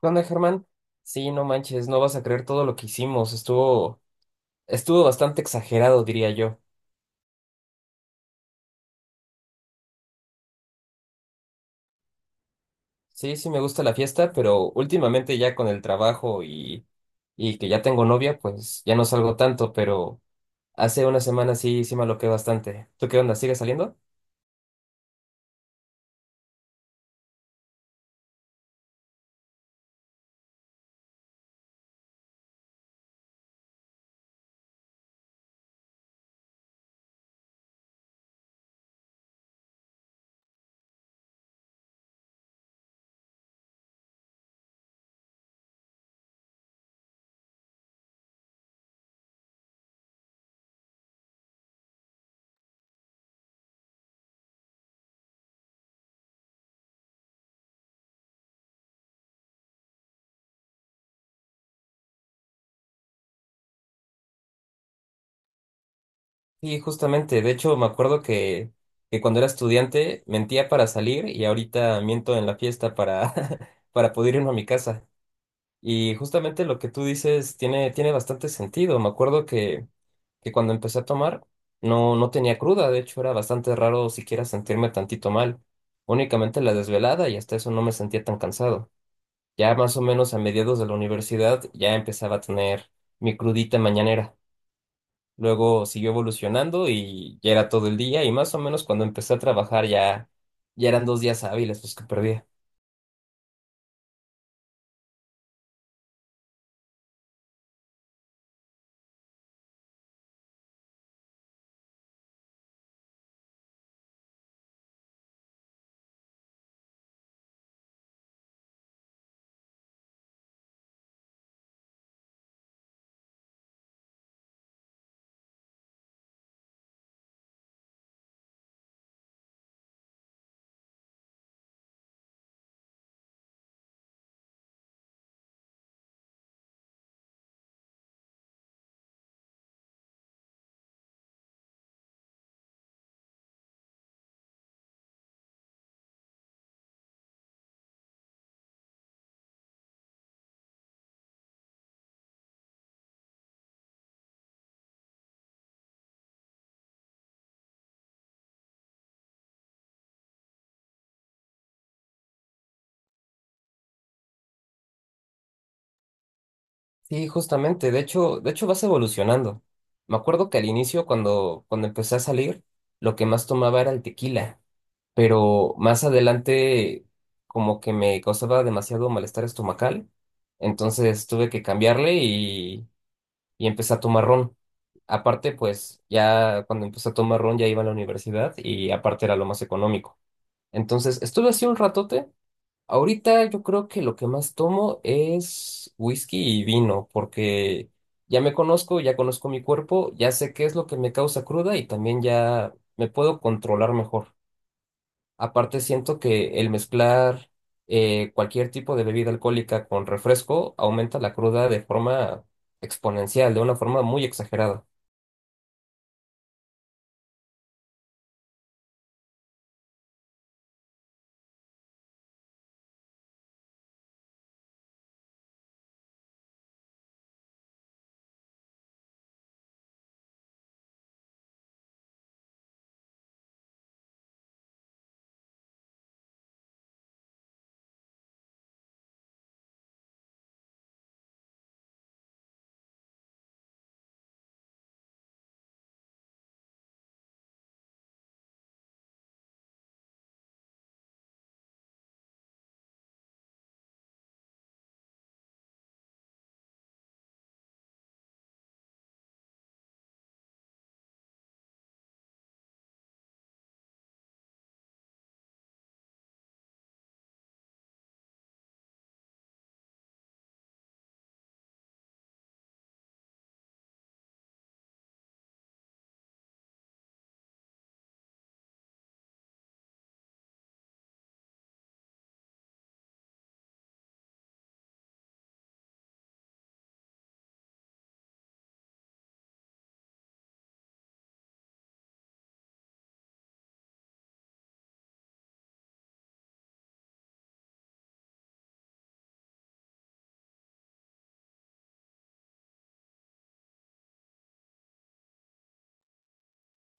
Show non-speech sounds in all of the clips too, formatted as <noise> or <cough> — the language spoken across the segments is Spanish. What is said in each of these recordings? ¿Qué onda, Germán? Sí, no manches, no vas a creer todo lo que hicimos. Estuvo bastante exagerado, diría yo. Sí, sí me gusta la fiesta, pero últimamente ya con el trabajo y que ya tengo novia, pues ya no salgo tanto, pero hace una semana sí, sí me aloqué bastante. ¿Tú qué onda? ¿Sigues saliendo? Sí, justamente. De hecho, me acuerdo que cuando era estudiante mentía para salir y ahorita miento en la fiesta <laughs> para poder irme a mi casa. Y justamente lo que tú dices tiene bastante sentido. Me acuerdo que cuando empecé a tomar no, no tenía cruda, de hecho era bastante raro siquiera sentirme tantito mal. Únicamente la desvelada y hasta eso no me sentía tan cansado. Ya más o menos a mediados de la universidad ya empezaba a tener mi crudita mañanera. Luego siguió evolucionando y ya era todo el día y más o menos cuando empecé a trabajar ya, ya eran 2 días hábiles los que perdía. Sí, justamente. De hecho, vas evolucionando. Me acuerdo que al inicio, cuando empecé a salir, lo que más tomaba era el tequila, pero más adelante como que me causaba demasiado malestar estomacal, entonces tuve que cambiarle y empecé a tomar ron. Aparte, pues ya cuando empecé a tomar ron ya iba a la universidad y aparte era lo más económico. Entonces estuve así un ratote. Ahorita yo creo que lo que más tomo es whisky y vino, porque ya me conozco, ya conozco mi cuerpo, ya sé qué es lo que me causa cruda y también ya me puedo controlar mejor. Aparte siento que el mezclar cualquier tipo de bebida alcohólica con refresco aumenta la cruda de forma exponencial, de una forma muy exagerada.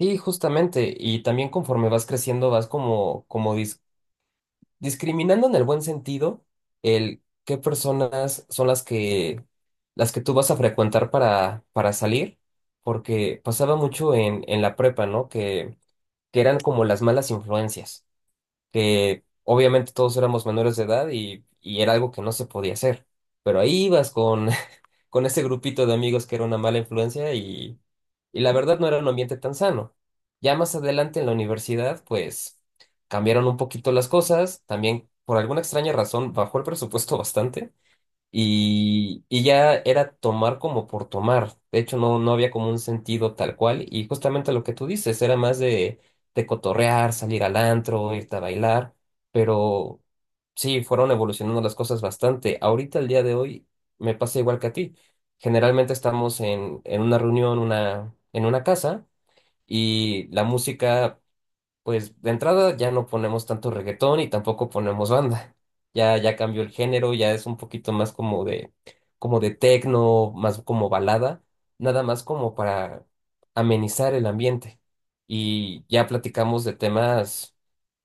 Y justamente, y también conforme vas creciendo vas como discriminando en el buen sentido, el qué personas son las que tú vas a frecuentar para salir, porque pasaba mucho en la prepa, ¿no? Que eran como las malas influencias, que obviamente todos éramos menores de edad y era algo que no se podía hacer, pero ahí ibas <laughs> con ese grupito de amigos que era una mala influencia y la verdad no era un ambiente tan sano. Ya más adelante en la universidad, pues cambiaron un poquito las cosas, también por alguna extraña razón bajó el presupuesto <laughs> bastante. Y ya era tomar como por tomar. De hecho, no, no había como un sentido tal cual. Y justamente lo que tú dices, era más de cotorrear, salir al antro, irte a bailar. Pero sí, fueron evolucionando las cosas bastante. Ahorita, el día de hoy, me pasa igual que a ti. Generalmente estamos en una reunión, en una casa, y la música pues de entrada ya no ponemos tanto reggaetón y tampoco ponemos banda. Ya, ya cambió el género, ya es un poquito más como de tecno, más como balada, nada más como para amenizar el ambiente. Y ya platicamos de temas,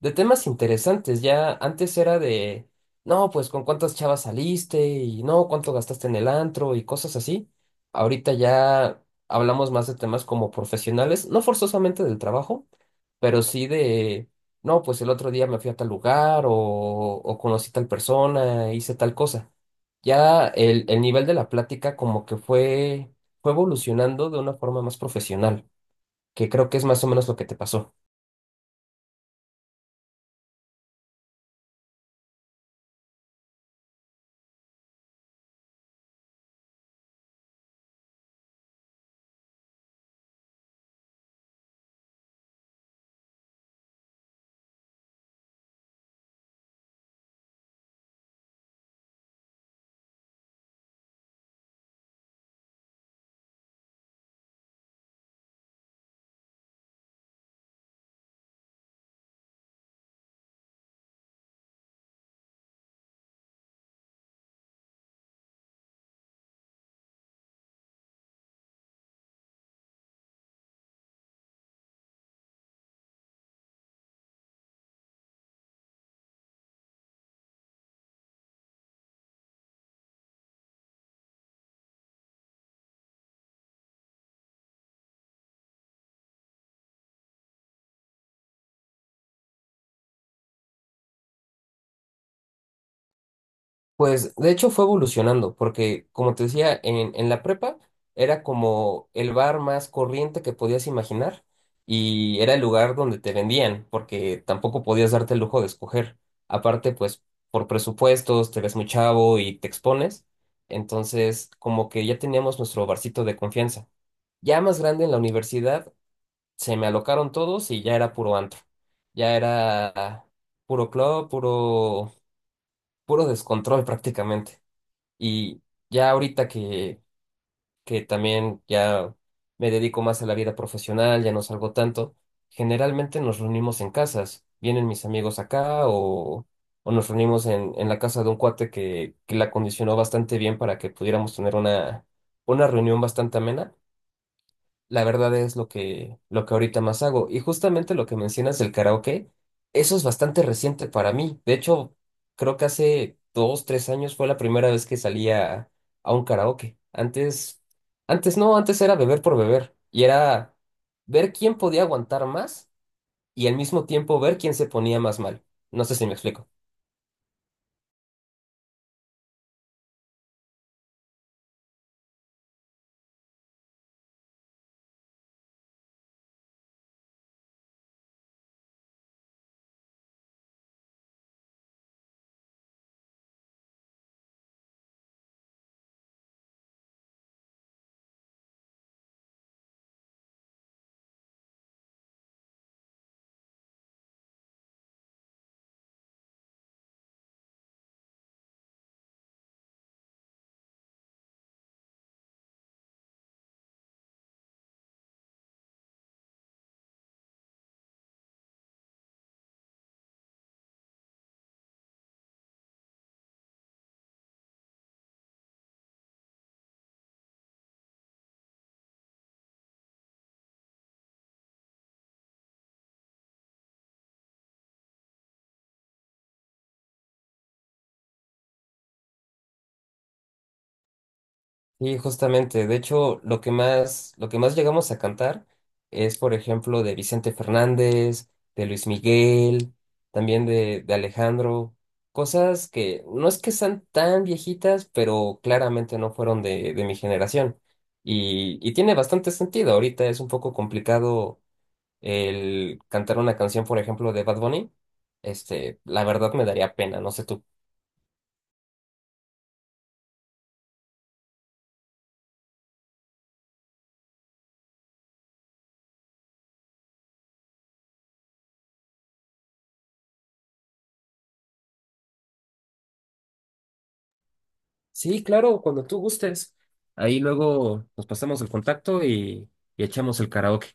de, temas interesantes. Ya antes era de, no, pues con cuántas chavas saliste y no, cuánto gastaste en el antro y cosas así. Ahorita ya hablamos más de temas como profesionales, no forzosamente del trabajo pero sí no, pues el otro día me fui a tal lugar o conocí tal persona, hice tal cosa. Ya el nivel de la plática como que fue evolucionando de una forma más profesional, que creo que es más o menos lo que te pasó. Pues de hecho fue evolucionando, porque como te decía, en la prepa era como el bar más corriente que podías imaginar y era el lugar donde te vendían, porque tampoco podías darte el lujo de escoger. Aparte, pues por presupuestos, te ves muy chavo y te expones. Entonces, como que ya teníamos nuestro barcito de confianza. Ya más grande en la universidad, se me alocaron todos y ya era puro antro. Ya era puro club, puro, puro descontrol prácticamente. Y ya ahorita que también ya me dedico más a la vida profesional, ya no salgo tanto, generalmente nos reunimos en casas. Vienen mis amigos acá o nos reunimos en la casa de un cuate que la condicionó bastante bien para que pudiéramos tener una reunión bastante amena. La verdad es lo que ahorita más hago. Y justamente lo que mencionas del karaoke, eso es bastante reciente para mí. De hecho, creo que hace 2, 3 años fue la primera vez que salía a un karaoke. Antes no, antes era beber por beber. Y era ver quién podía aguantar más y al mismo tiempo ver quién se ponía más mal. No sé si me explico. Y justamente, de hecho, lo que más llegamos a cantar es, por ejemplo, de Vicente Fernández, de Luis Miguel, también de Alejandro, cosas que no es que sean tan viejitas, pero claramente no fueron de mi generación. Y tiene bastante sentido. Ahorita es un poco complicado el cantar una canción, por ejemplo, de Bad Bunny. Este, la verdad me daría pena, no sé tú. Sí, claro, cuando tú gustes. Ahí luego nos pasamos el contacto y echamos el karaoke.